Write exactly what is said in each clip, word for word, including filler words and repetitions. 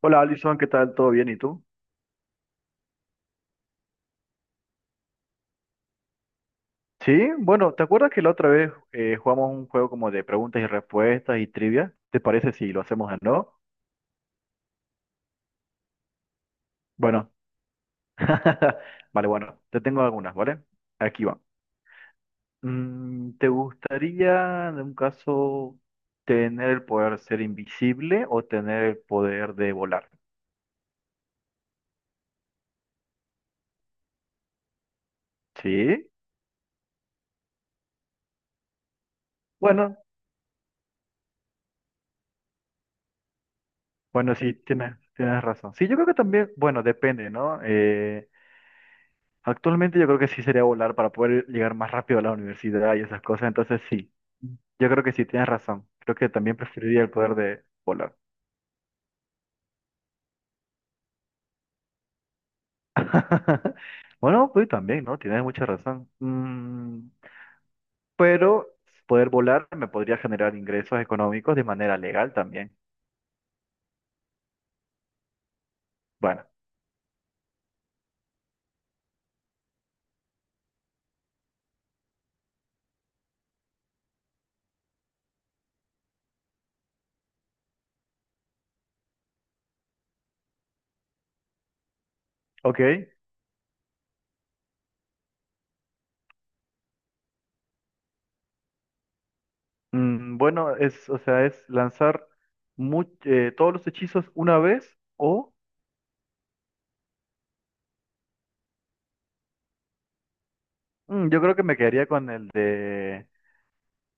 Hola Alison, ¿qué tal? ¿Todo bien? ¿Y tú? Sí, bueno, ¿te acuerdas que la otra vez eh, jugamos un juego como de preguntas y respuestas y trivia? ¿Te parece si lo hacemos de nuevo? Bueno, vale, bueno, te tengo algunas, ¿vale? Aquí va. Mm, ¿te gustaría, en un caso, tener el poder de ser invisible o tener el poder de volar? Sí, bueno, bueno, sí, tienes, tienes razón. Sí, yo creo que también, bueno, depende, ¿no? Eh, actualmente yo creo que sí sería volar para poder llegar más rápido a la universidad y esas cosas, entonces sí, yo creo que sí, tienes razón. Creo que también preferiría el poder de volar. Bueno, pues también, ¿no? Tienes mucha razón. Mm, pero poder volar me podría generar ingresos económicos de manera legal también. Bueno, ok. Mm, bueno, es, o sea, es lanzar mu- eh, todos los hechizos una vez o mm, yo creo que me quedaría con el de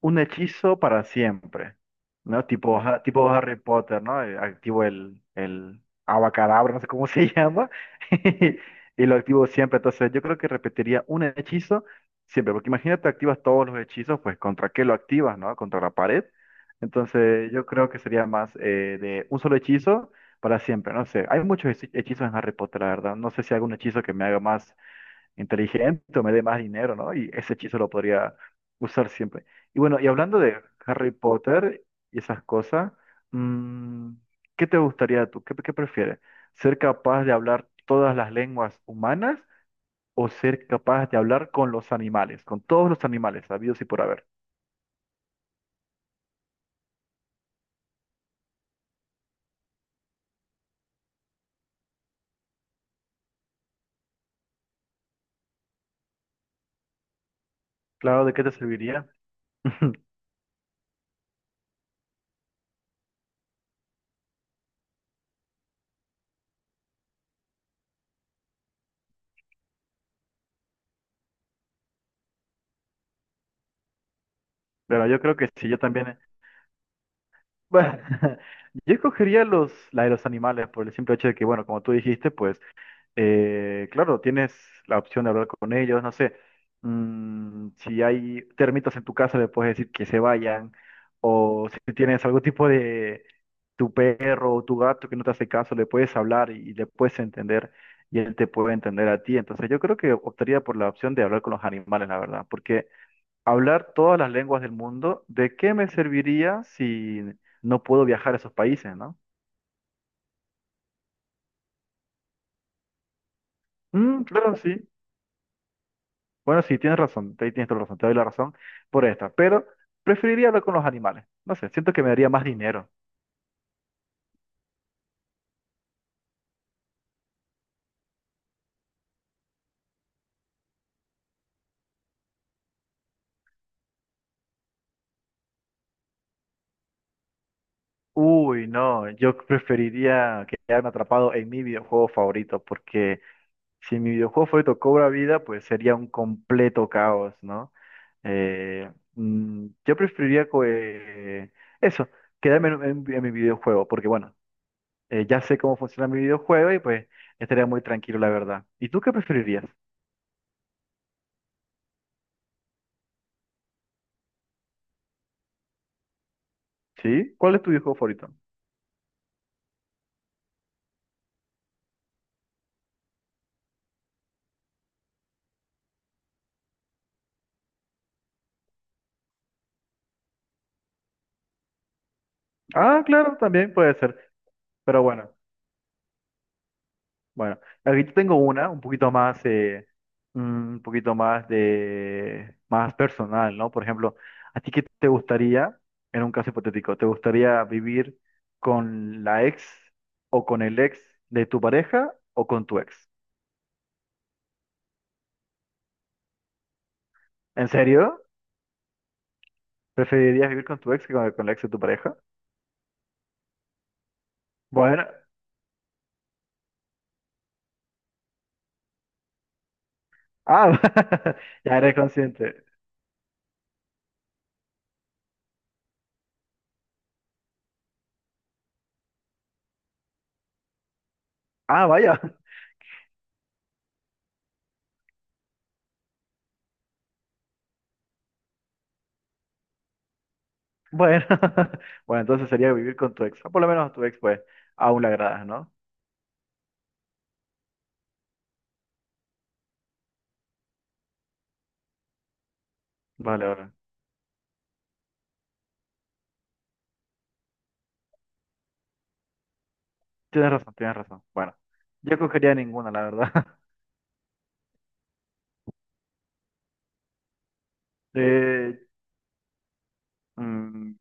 un hechizo para siempre, ¿no? Tipo, ha- tipo Harry Potter, ¿no? Eh, activo el, el abacadabra, no sé cómo se llama, y lo activo siempre. Entonces, yo creo que repetiría un hechizo siempre, porque imagínate, activas todos los hechizos, pues, ¿contra qué lo activas, no? Contra la pared. Entonces, yo creo que sería más eh, de un solo hechizo para siempre, no sé. Hay muchos hechi- hechizos en Harry Potter, la verdad. No sé si hay algún hechizo que me haga más inteligente o me dé más dinero, ¿no? Y ese hechizo lo podría usar siempre. Y bueno, y hablando de Harry Potter y esas cosas, mm, ¿qué te gustaría tú? ¿Qué, qué prefieres? ¿Ser capaz de hablar todas las lenguas humanas o ser capaz de hablar con los animales, con todos los animales, habidos y por haber? Claro, ¿de qué te serviría? Bueno, yo creo que sí, yo también. eh, Bueno, yo escogería los, la de los animales por el simple hecho de que, bueno, como tú dijiste, pues eh, claro, tienes la opción de hablar con ellos, no sé, mm, si hay termitas en tu casa, le puedes decir que se vayan, o si tienes algún tipo de tu perro o tu gato que no te hace caso, le puedes hablar y le puedes entender y él te puede entender a ti. Entonces yo creo que optaría por la opción de hablar con los animales, la verdad, porque hablar todas las lenguas del mundo, ¿de qué me serviría si no puedo viajar a esos países, ¿no? Mm, claro, sí. Bueno, sí, tienes razón, ahí tienes toda la razón, te doy la razón por esta, pero preferiría hablar con los animales. No sé, siento que me daría más dinero. Uy, no, yo preferiría quedarme atrapado en mi videojuego favorito, porque si mi videojuego favorito cobra vida, pues sería un completo caos, ¿no? Eh, mm, yo preferiría co- eh, eso, quedarme en, en- en mi videojuego, porque bueno, eh, ya sé cómo funciona mi videojuego y pues estaría muy tranquilo, la verdad. ¿Y tú qué preferirías? ¿Sí? ¿Cuál es tu videojuego favorito? Ah, claro, también puede ser. Pero bueno, bueno. Aquí te tengo una, un poquito más, eh, mm, un poquito más de, más personal, ¿no? Por ejemplo, ¿a ti qué te gustaría, en un caso hipotético, te gustaría vivir con la ex o con el ex de tu pareja o con tu ex? ¿En serio? ¿Preferirías vivir con tu ex que con, con la ex de tu pareja? Bueno, ah, ya eres consciente. Ah, vaya. Bueno, bueno, entonces sería vivir con tu ex. O por lo menos a tu ex, pues, aún le agradas, ¿no? Vale, vale. Tienes razón, tienes razón. Bueno, yo cogería ninguna, la verdad. Eh, mm,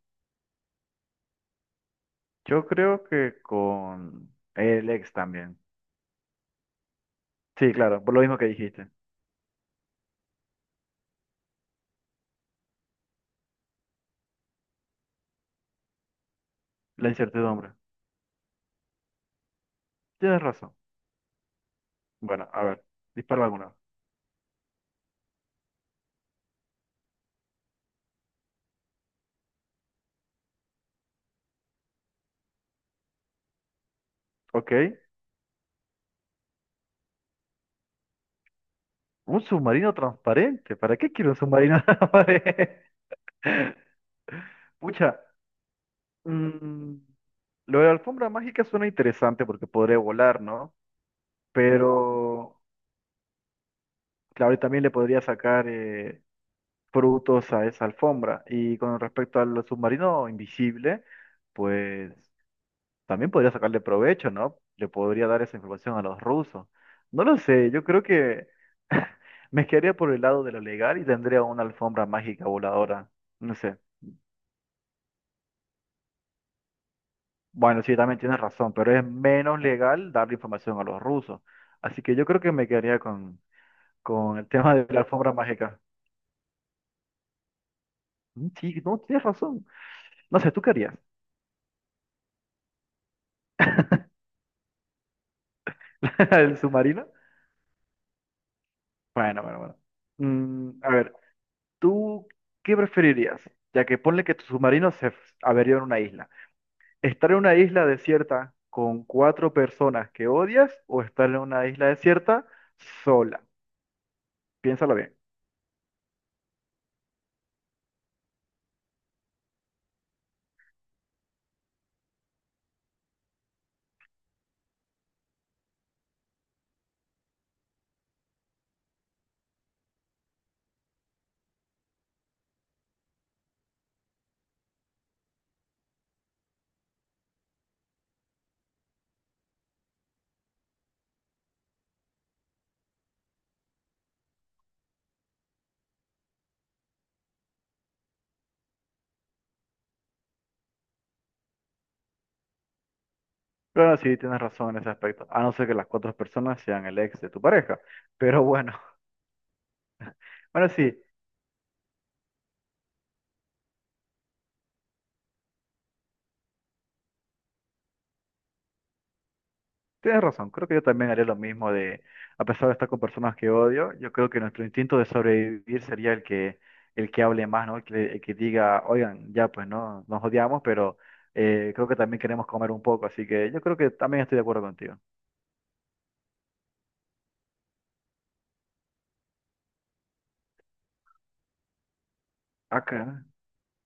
yo creo que con el ex también. Sí, claro, por lo mismo que dijiste. La incertidumbre. Tienes razón. Bueno, a ver, disparo alguna. Ok. Un submarino transparente. ¿Para qué quiero un submarino transparente? Pucha. mm, Lo de la alfombra mágica suena interesante porque podría volar, ¿no? Pero, claro, y también le podría sacar eh, frutos a esa alfombra. Y con respecto al submarino invisible, pues también podría sacarle provecho, ¿no? Le podría dar esa información a los rusos. No lo sé, yo creo que me quedaría por el lado de lo legal y tendría una alfombra mágica voladora. No sé. Bueno, sí, también tienes razón, pero es menos legal darle información a los rusos. Así que yo creo que me quedaría con el tema de la alfombra mágica. Mm, Sí, no, tienes razón. No sé, ¿tú querías el submarino? Bueno, bueno, bueno. Mm, a ver, ¿tú qué preferirías? Ya que ponle que tu submarino se f- averió en una isla. ¿Estar en una isla desierta con cuatro personas que odias o estar en una isla desierta sola? Piénsalo bien. Claro, sí, tienes razón en ese aspecto. A no ser que las cuatro personas sean el ex de tu pareja. Pero bueno, bueno, sí. Tienes razón, creo que yo también haré lo mismo de, a pesar de estar con personas que odio, yo creo que nuestro instinto de sobrevivir sería el que, el que hable más, ¿no? El que, el que diga, oigan, ya pues no, nos odiamos, pero eh, creo que también queremos comer un poco, así que yo creo que también estoy de acuerdo contigo. Acá,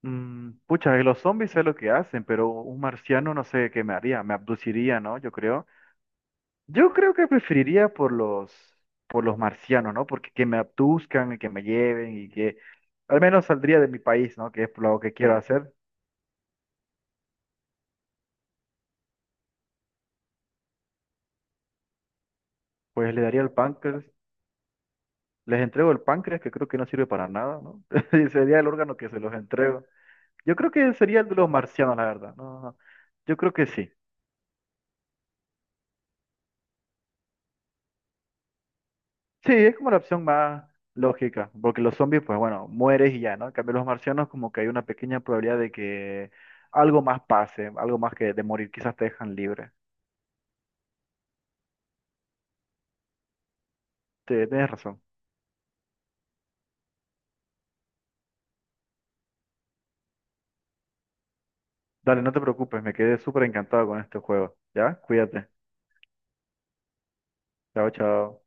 mm, pucha, los zombies sé lo que hacen, pero un marciano no sé qué me haría, me abduciría, ¿no? Yo creo. Yo creo que preferiría por los, por los marcianos, ¿no? Porque que me abduzcan y que me lleven y que al menos saldría de mi país, ¿no? Que es lo que quiero hacer. Pues le daría el páncreas, les entrego el páncreas, que creo que no sirve para nada, ¿no? Y sería el órgano que se los entrego. Yo creo que sería el de los marcianos, la verdad. No, no. Yo creo que sí. Sí, es como la opción más lógica, porque los zombies, pues bueno, mueres y ya, ¿no? En cambio, los marcianos como que hay una pequeña probabilidad de que algo más pase, algo más que de morir, quizás te dejan libre. Te- Tienes razón. Dale, no te preocupes, me quedé súper encantado con este juego. ¿Ya? Cuídate. Chao, chao.